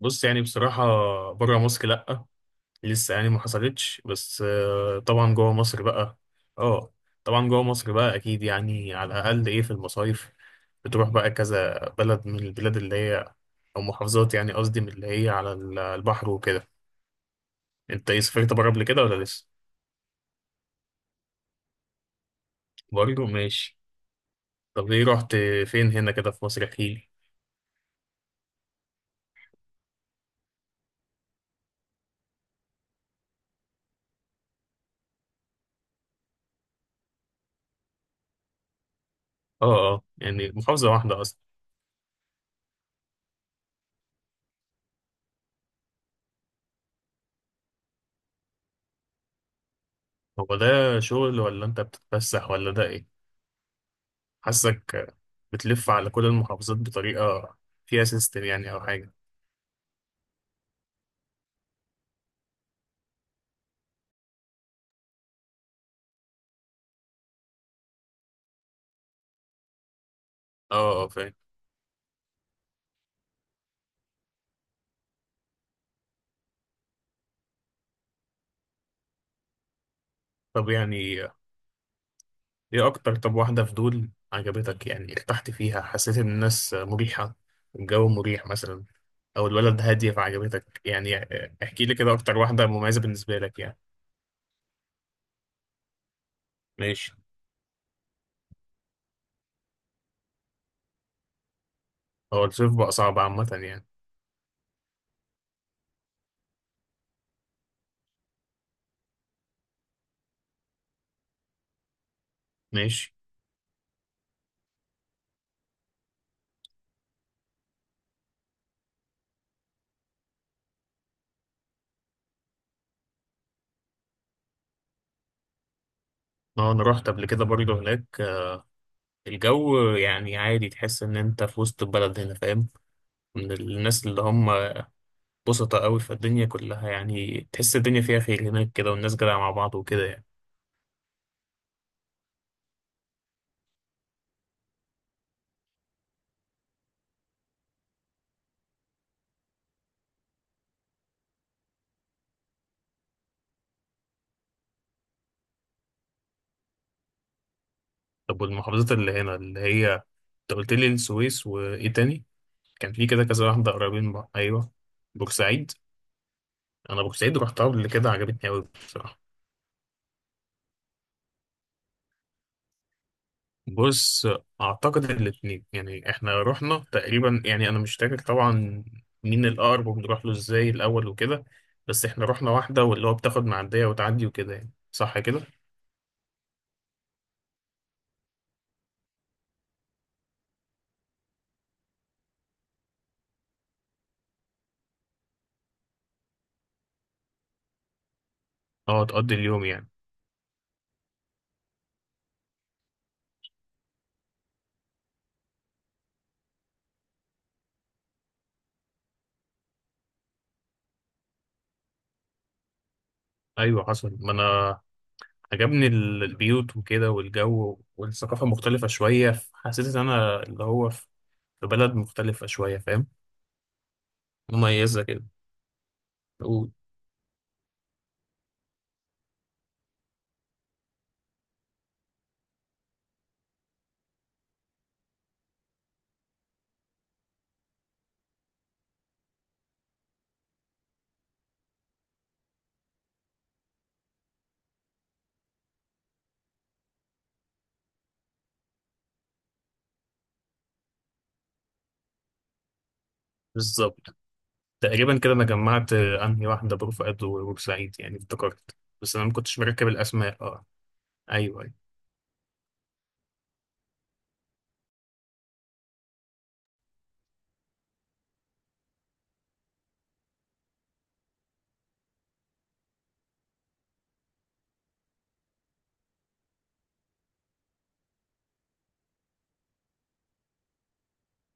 بص، يعني بصراحة، بره مصر لأ، لسه يعني ما حصلتش. بس طبعا جوه مصر بقى. اه، طبعا جوه مصر بقى أكيد، يعني على الأقل إيه في المصايف. بتروح بقى كذا بلد من البلاد اللي هي، أو محافظات، يعني قصدي من اللي هي على البحر وكده. أنت إيه، سافرت بره قبل كده ولا لسه؟ برضه ماشي. طب إيه، رحت فين هنا كده في مصر؟ أحكيلي. اه، اه، يعني محافظة واحدة أصلا. هو ده شغل ولا أنت بتتفسح ولا ده إيه؟ حاسك بتلف على كل المحافظات بطريقة فيها سيستم، يعني أو حاجة. اه، اه، فاهم. طب يعني ايه أكتر؟ طب واحدة في دول عجبتك، يعني ارتحت فيها، حسيت إن الناس مريحة، الجو مريح مثلا، أو البلد هادية فعجبتك يعني. احكي لي كده أكتر واحدة مميزة بالنسبة لك يعني. ماشي. هو الصيف بقى صعب عامة يعني. ماشي. اه، أنا رحت قبل كده برضه هناك. الجو يعني عادي، تحس إن أنت في وسط البلد هنا، فاهم. من الناس اللي هم بسطة قوي في الدنيا كلها، يعني تحس الدنيا فيها خير هناك كده، والناس جدعة مع بعض وكده يعني. طب والمحافظات اللي هنا اللي هي، انت قلت لي السويس وايه تاني؟ كان في كده كذا واحدة قريبين من بعض. ايوه، بورسعيد. انا بورسعيد رحتها قبل كده، عجبتني قوي بصراحة. بص، اعتقد الاتنين. يعني احنا رحنا تقريبا، يعني انا مش فاكر طبعا مين الاقرب وبنروح له ازاي الاول وكده. بس احنا رحنا واحدة، واللي هو بتاخد معدية وتعدي وكده يعني، صح كده. اه، تقضي اليوم يعني. ايوه حصل. ما انا عجبني البيوت وكده، والجو والثقافة مختلفة شوية، حسيت إن أنا اللي هو في بلد مختلفة شوية، فاهم. مميزة كده. و- بالظبط. تقريبا كده أنا جمعت أنهي واحدة برفقت، وبورسعيد يعني افتكرت. بس أنا ما كنتش مركب الأسماء. أه، أيوه، أيوه،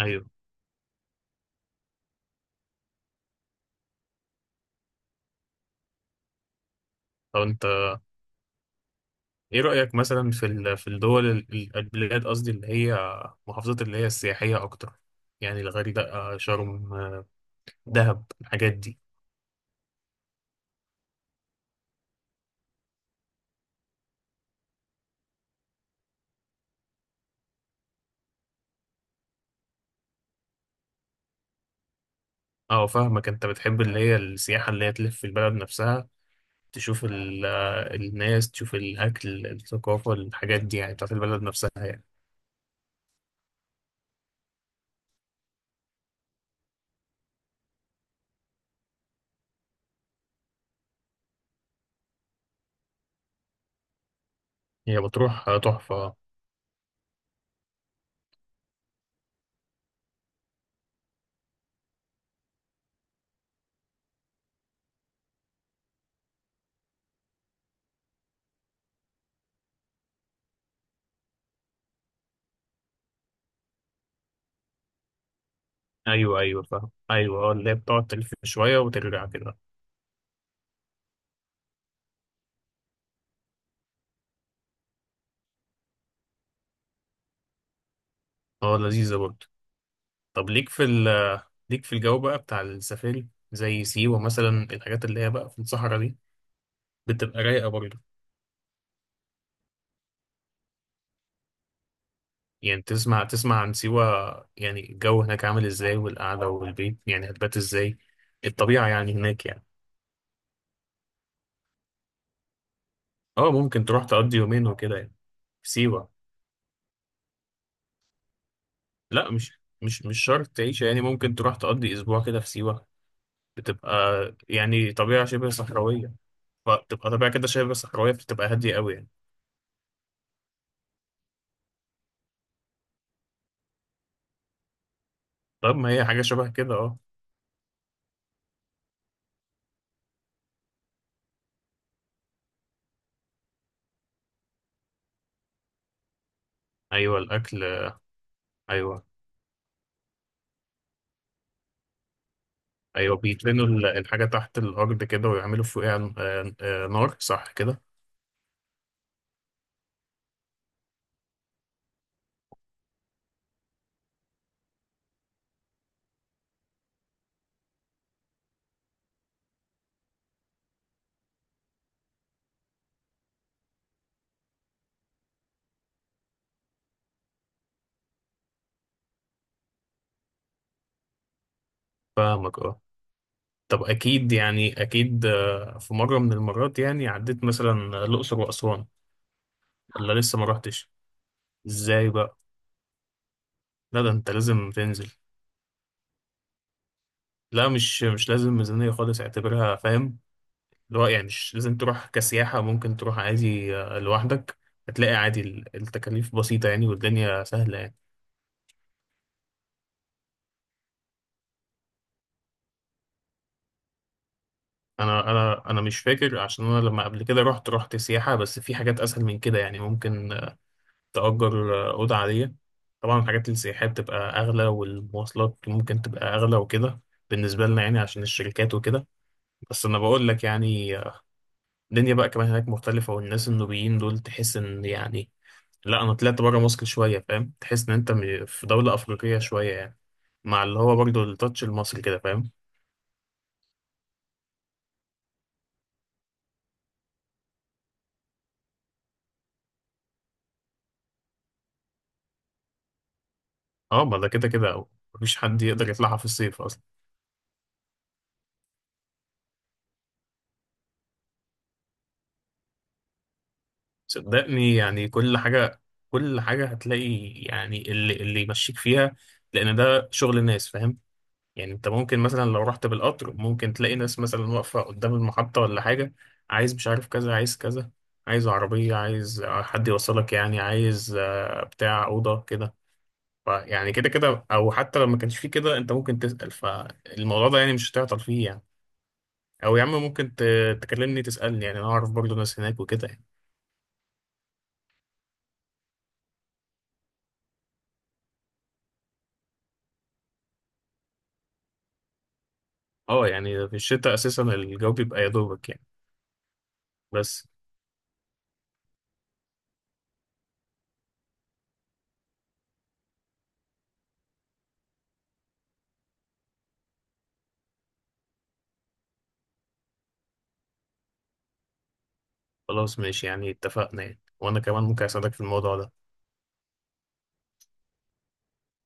أيوه. طب أنت، إيه رأيك مثلا في في البلاد، قصدي اللي هي محافظات اللي هي السياحية أكتر؟ يعني الغردقة، شرم، دهب، الحاجات دي. اه، فاهمك. انت بتحب اللي هي السياحة اللي هي تلف في البلد نفسها. تشوف الناس، تشوف الأكل، الثقافة، الحاجات دي يعني بتاعت البلد نفسها يعني. هي بتروح تحفة. أيوه، أيوه، فاهم. أيوه، اه، اللي هي بتقعد تلف شوية وترجع كده. اه، لذيذة برضه. طب ليك في ال آه، ليك في الجو بقى بتاع السفاري زي سيوة مثلا، الحاجات اللي هي بقى في الصحراء دي، بتبقى رايقة برضه؟ يعني تسمع عن سيوة، يعني الجو هناك عامل ازاي، والقعدة والبيت يعني هتبات ازاي، الطبيعة يعني هناك يعني. اه، ممكن تروح تقضي يومين وكده يعني في سيوة. لا، مش شرط تعيش يعني، ممكن تروح تقضي اسبوع كده في سيوة، بتبقى يعني طبيعة شبه صحراوية. فبتبقى طبيعة كده شبه صحراوية، بتبقى هادية قوي يعني. طب ما هي حاجة شبه كده. اه، ايوه الاكل. ايوه، ايوه، بيدفنوا الحاجة تحت الارض كده ويعملوا فوقها نار، صح كده؟ فاهمك. اه، طب اكيد يعني اكيد، في مرة من المرات يعني عديت مثلا الاقصر واسوان، ولا لسه ما رحتش؟ ازاي بقى؟ لا، ده انت لازم تنزل. لا، مش لازم ميزانية خالص، اعتبرها، فاهم. اللي هو يعني مش لازم تروح كسياحة، ممكن تروح عادي لوحدك. هتلاقي عادي، التكاليف بسيطة يعني والدنيا سهلة يعني. انا مش فاكر، عشان انا لما قبل كده رحت سياحة، بس في حاجات اسهل من كده يعني. ممكن تأجر أوضة عادية. طبعا الحاجات السياحية بتبقى أغلى، والمواصلات ممكن تبقى أغلى وكده، بالنسبة لنا يعني عشان الشركات وكده. بس أنا بقول لك يعني، الدنيا بقى كمان هناك مختلفة، والناس النوبيين دول تحس إن يعني، لا، أنا طلعت بره مصر شوية، فاهم. تحس إن أنت في دولة أفريقية شوية يعني، مع اللي هو برضه التاتش المصري كده، فاهم. اه، ما ده كده كده، أو مفيش حد يقدر يطلعها في الصيف أصلا. صدقني يعني كل حاجة، كل حاجة هتلاقي يعني اللي يمشيك فيها، لأن ده شغل الناس، فاهم. يعني انت ممكن مثلا لو رحت بالقطر، ممكن تلاقي ناس مثلا واقفة قدام المحطة ولا حاجة، عايز مش عارف كذا، عايز كذا، عايز عربية، عايز حد يوصلك يعني، عايز بتاع أوضة كده. فيعني كده كده، أو حتى لو ما كانش فيه كده، أنت ممكن تسأل، فالموضوع ده يعني مش هتعطل فيه يعني. أو يا عم، ممكن تكلمني تسألني، يعني أنا أعرف برضه ناس هناك وكده يعني. أه، يعني في الشتاء أساسا الجو بيبقى يا دوبك يعني. بس خلاص، ماشي يعني، اتفقنا يعني، وأنا كمان ممكن أساعدك في الموضوع ده.